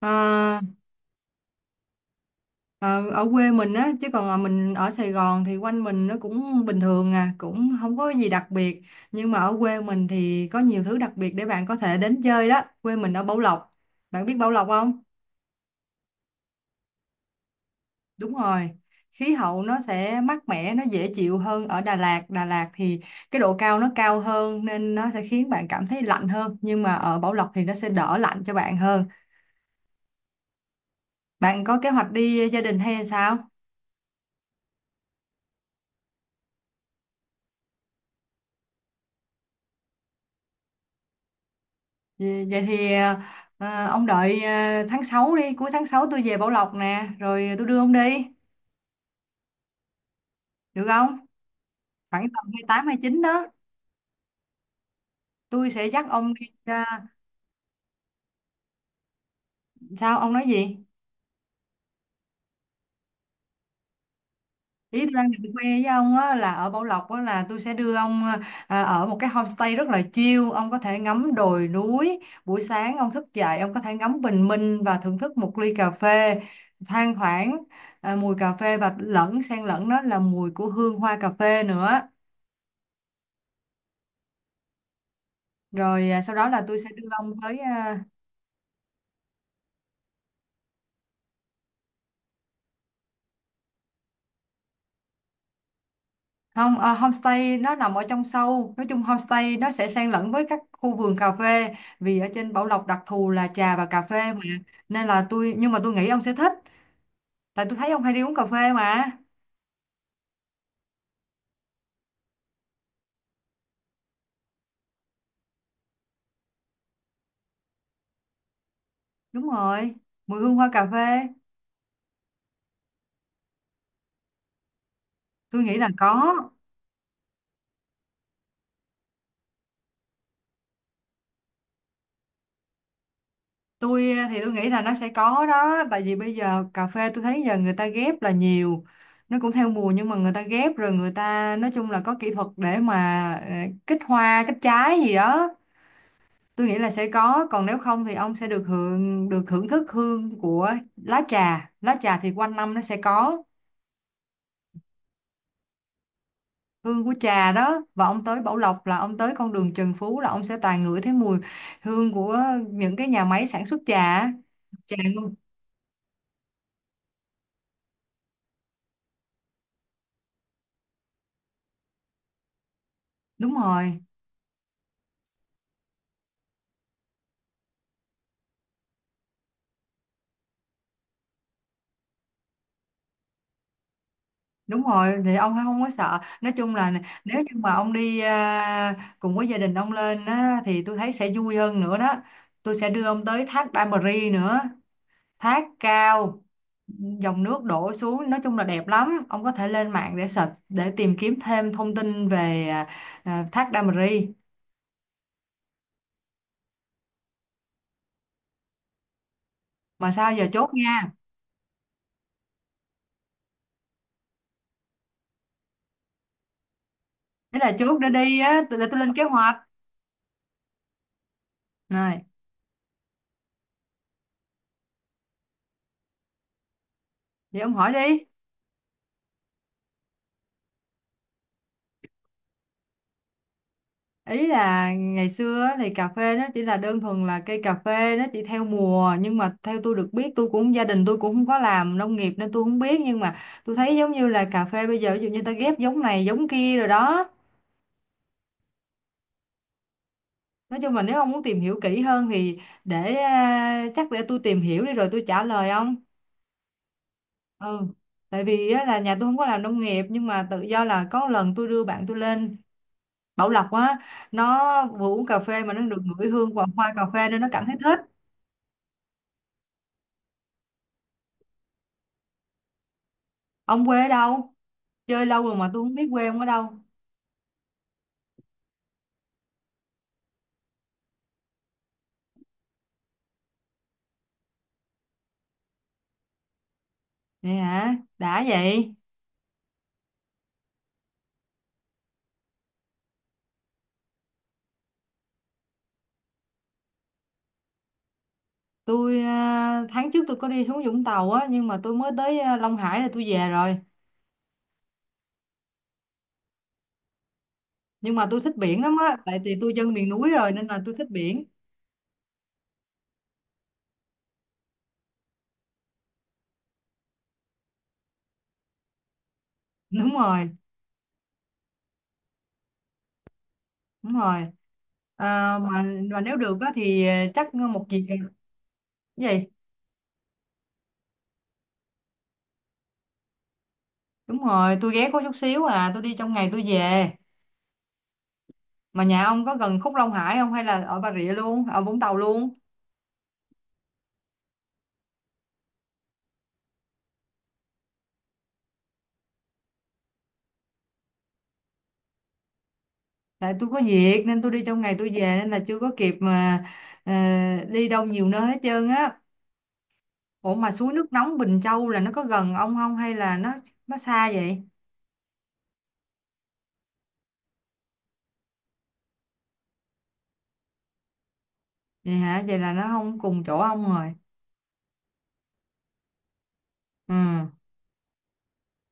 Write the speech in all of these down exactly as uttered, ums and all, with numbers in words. Ờ, ờ, Ở quê mình á, chứ còn ờ, mình ở Sài Gòn thì quanh mình nó cũng bình thường, à, cũng không có gì đặc biệt. Nhưng mà ở quê mình thì có nhiều thứ đặc biệt để bạn có thể đến chơi đó. Quê mình ở Bảo Lộc. Bạn biết Bảo Lộc không? Đúng rồi. Khí hậu nó sẽ mát mẻ, nó dễ chịu hơn ở Đà Lạt. Đà Lạt thì cái độ cao nó cao hơn nên nó sẽ khiến bạn cảm thấy lạnh hơn, nhưng mà ở Bảo Lộc thì nó sẽ đỡ lạnh cho bạn hơn. Bạn có kế hoạch đi gia đình hay sao? Vậy vậy thì ờ, ông đợi ờ, tháng sáu đi, cuối tháng sáu tôi về Bảo Lộc nè, rồi tôi đưa ông đi, được không? Khoảng tầm hai tám chín đó, tôi sẽ dắt ông đi ra. Sao ông nói gì? Ý tôi đang định khoe với ông á, là ở Bảo Lộc á, là tôi sẽ đưa ông ờ, ở một cái homestay rất là chill, ông có thể ngắm đồi núi, buổi sáng ông thức dậy ông có thể ngắm bình minh và thưởng thức một ly cà phê thoang thoảng ờ, mùi cà phê và lẫn xen lẫn đó là mùi của hương hoa cà phê nữa. Rồi à, sau đó là tôi sẽ đưa ông tới à, không à, homestay nó nằm ở trong sâu. Nói chung homestay nó sẽ xen lẫn với các khu vườn cà phê, vì ở trên Bảo Lộc đặc thù là trà và cà phê mà, nên là tôi nhưng mà tôi nghĩ ông sẽ thích, tại tôi thấy ông hay đi uống cà phê mà. Đúng rồi, mùi hương hoa cà phê. Tôi nghĩ là có. Tôi à, thì tôi nghĩ là nó sẽ có đó, tại vì bây giờ cà phê tôi thấy giờ người ta ghép là nhiều, nó cũng theo mùa nhưng mà người ta ghép rồi, người ta nói chung là có kỹ thuật để mà ờ, kích hoa kích trái gì đó. Tôi nghĩ là sẽ có, còn nếu không thì ông sẽ được hưởng được thưởng thức hương của lá trà. Lá trà thì quanh năm nó sẽ có hương của trà đó, và ông tới Bảo Lộc là ông tới con đường Trần Phú là ông sẽ toàn ngửi thấy mùi hương của những cái nhà máy sản xuất trà á. Trà luôn. Đúng rồi. Đúng rồi thì ông không có sợ. Nói chung là nếu như mà ông đi à, cùng với gia đình ông lên á, thì tôi thấy sẽ vui hơn nữa đó. Tôi sẽ đưa ông tới thác Đa Mờ Ri nữa. Thác cao, dòng nước đổ xuống, nói chung là đẹp lắm. Ông có thể lên mạng để search, để tìm kiếm thêm thông tin về à, à, thác Đa Mờ Ri. Mà sao giờ chốt nha, thế là chốt để đi á t- để tôi lên kế hoạch này. Vậy ông hỏi đi. Ý là ngày xưa á, thì cà phê nó chỉ là đơn thuần là cây cà phê, nó chỉ theo mùa, nhưng mà theo tôi được biết, tôi cũng gia đình tôi cũng không có làm nông nghiệp nên tôi không biết, nhưng mà tôi thấy giống như là cà phê bây giờ ví dụ như ta ghép giống này giống kia rồi đó. Nói chung là nếu ông muốn tìm hiểu kỹ hơn thì để à, chắc để tôi tìm hiểu đi rồi tôi trả lời ông. Ừ. Tại vì á, là nhà tôi không có làm nông nghiệp, nhưng mà tự do là có lần tôi đưa bạn tôi lên Bảo Lộc á, nó vừa uống cà phê mà nó được ngửi hương và hoa cà phê nên nó cảm thấy thích. Ông quê ở đâu? Chơi lâu rồi mà tôi không biết quê ông ở đâu. Vậy hả? Đã vậy. Tôi à, tháng trước tôi có đi xuống Vũng Tàu á, nhưng mà tôi mới tới à, Long Hải là tôi về rồi. Nhưng mà tôi thích biển lắm á, tại vì tôi dân miền núi rồi nên là tôi thích biển. Đúng rồi, đúng rồi. À, mà mà nếu được á thì ờ, chắc một dịp cái gì. Đúng rồi, tôi ghé có chút xíu à, tôi đi trong ngày tôi về. Mà nhà ông có gần Khúc Long Hải không, hay là ở Bà Rịa luôn, ở Vũng Tàu luôn? Tại tôi có việc nên tôi đi trong ngày tôi về nên là chưa có kịp mà ờ, đi đâu nhiều nơi hết trơn á. Ủa mà suối nước nóng Bình Châu là nó có gần ông không, hay là nó nó xa vậy? Vậy hả? Vậy là nó không cùng chỗ ông rồi. Ừ.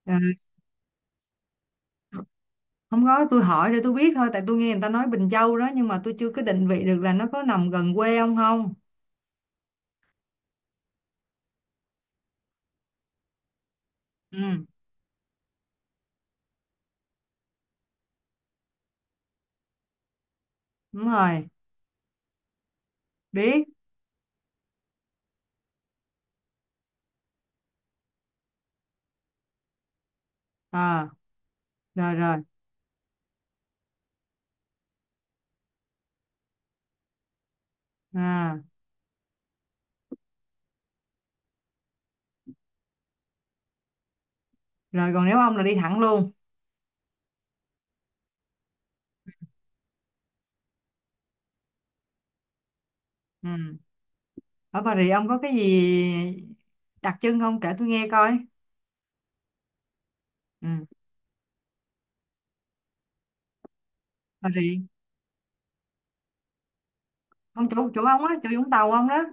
Ừ. Không có, tôi hỏi để tôi biết thôi, tại tôi nghe người ta nói Bình Châu đó, nhưng mà tôi chưa có định vị được là nó có nằm gần quê ông không? Ừ, đúng rồi, biết. À, rồi rồi. À, rồi còn nếu ông là đi thẳng luôn. Ừ. Ở Bà Rịa ông có cái gì đặc trưng không? Kể tôi nghe coi. Ừ. Bà Rịa, không, chỗ chỗ ông á, chỗ Vũng Tàu ông đó.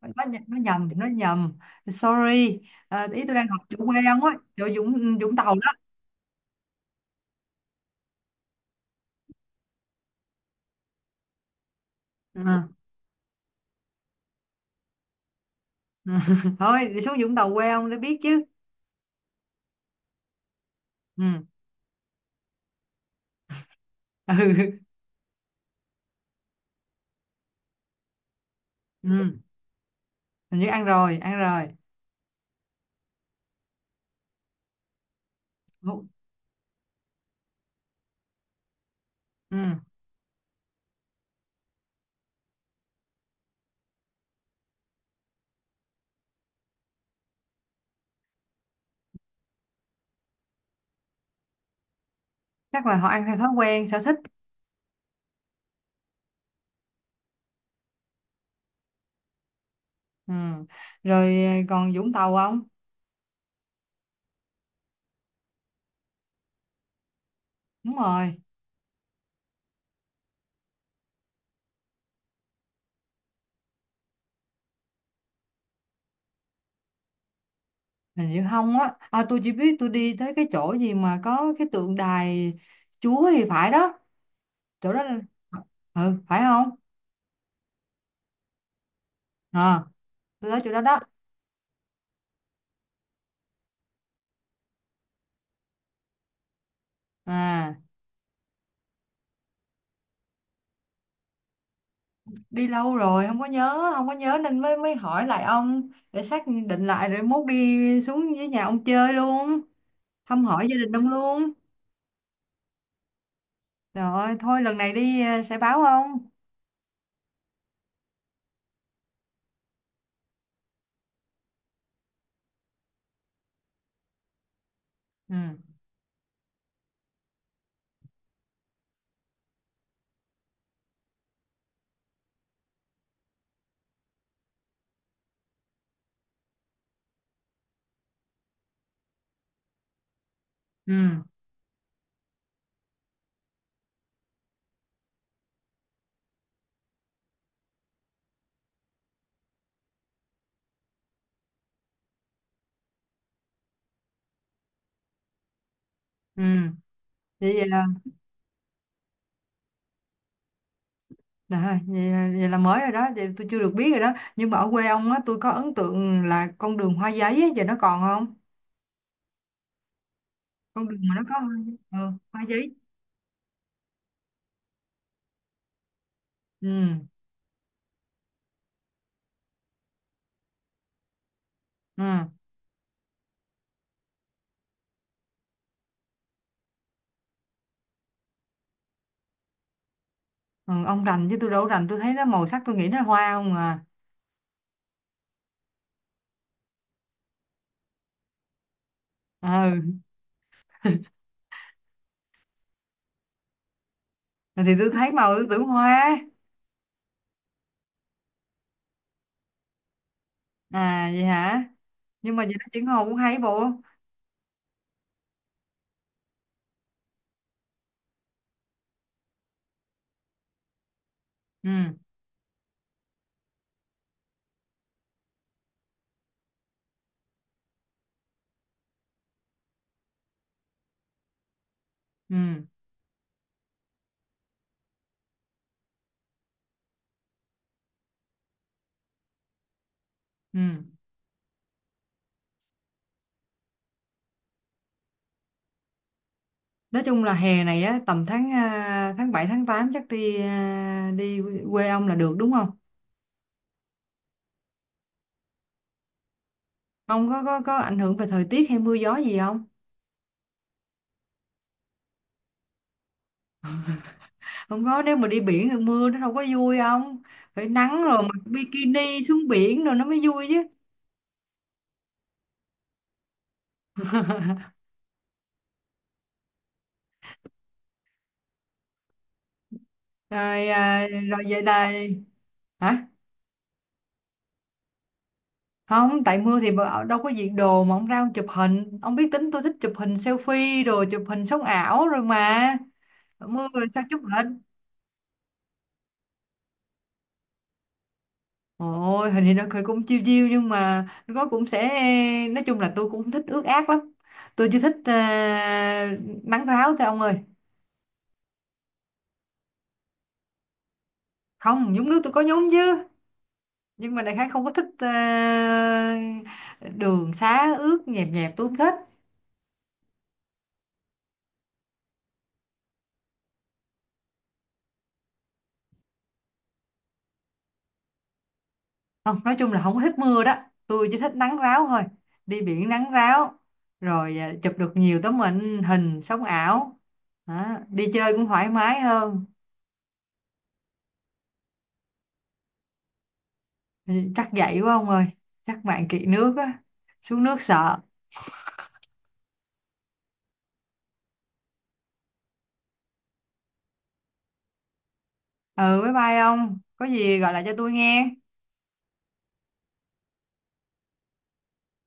Nó, nh- nó nhầm, nó nhầm. Sorry. À, ý tôi đang học chỗ quê ông á, chỗ Vũng Vũng Tàu đó. Ừ. Ừ. Thôi, đi xuống Vũng Tàu quê ông để biết chứ. Ừ. Ừ. Ừ, hình như ăn rồi, ăn rồi. Ngũ- ừ, chắc là họ ăn theo thói quen sở thích. Ừ, rồi ờ, còn Vũng Tàu không? Đúng rồi. Hình như không á, à, tôi chỉ biết tôi đi tới cái chỗ gì mà có cái tượng đài Chúa thì phải đó. Chỗ đó là- ờ, ừ, phải không? À, tôi tới chỗ đó đó. À, đi lâu rồi không có nhớ không có nhớ nên mới mới hỏi lại ông để xác định lại rồi mốt đi xuống với nhà ông chơi luôn, thăm hỏi gia đình ông luôn. Rồi thôi lần này đi ờ, sẽ báo không? Ừ, ừ, ừ. Vậy, vậy là, trời ơi, vậy, vậy là mới rồi đó, vậy tôi chưa được biết rồi đó. Nhưng mà ở quê ông á, tôi có ấn tượng là con đường hoa giấy á, giờ nó còn không? Con đường mà nó có hoa, ừ, hoa giấy. Ừ, ừ, ừ, ông rành chứ tôi đâu có rành, tôi thấy nó màu sắc tôi nghĩ nó hoa không à. Ừ, thì tôi thấy màu tôi tưởng hoa. À vậy hả? Nhưng mà giờ nó chuyển màu cũng hay bộ. Ừ, ừ, ừ. Nói chung là hè này á tầm tháng à, tháng bảy tháng tám chắc đi à, đi quê ông là được đúng không? Ông có có có ảnh hưởng về thời tiết hay mưa gió gì không? Không có, nếu mà đi biển thì mưa nó đâu có vui không? Phải nắng rồi mặc bikini xuống biển rồi nó mới vui chứ. Rồi à, rồi vậy là. Hả? Không, tại mưa thì bà- đâu có diện đồ mà ông ra ông chụp hình. Ông biết tính tôi thích chụp hình selfie rồi chụp hình sống ảo rồi mà, mưa rồi sao chụp? Ôi, hình thì nó cười cũng chiêu chiêu nhưng mà nó cũng sẽ, nói chung là tôi cũng thích ướt át lắm. Tôi chưa thích ờ, nắng ráo thôi ông ơi. Không, nhúng nước tôi có nhúng chứ. Nhưng mà đại khái không có thích ờ, đường xá ướt nhẹp nhẹp tôi không thích. Không, nói chung là không có thích mưa đó. Tôi chỉ thích nắng ráo thôi. Đi biển nắng ráo rồi ờ, chụp được nhiều tấm hình hình sống ảo. Đó, đi chơi cũng thoải mái hơn. Thì chắc vậy quá ông ơi. Chắc bạn kỵ nước á. Xuống nước sợ. Ừ, bye bye ông. Có gì gọi lại cho tôi nghe.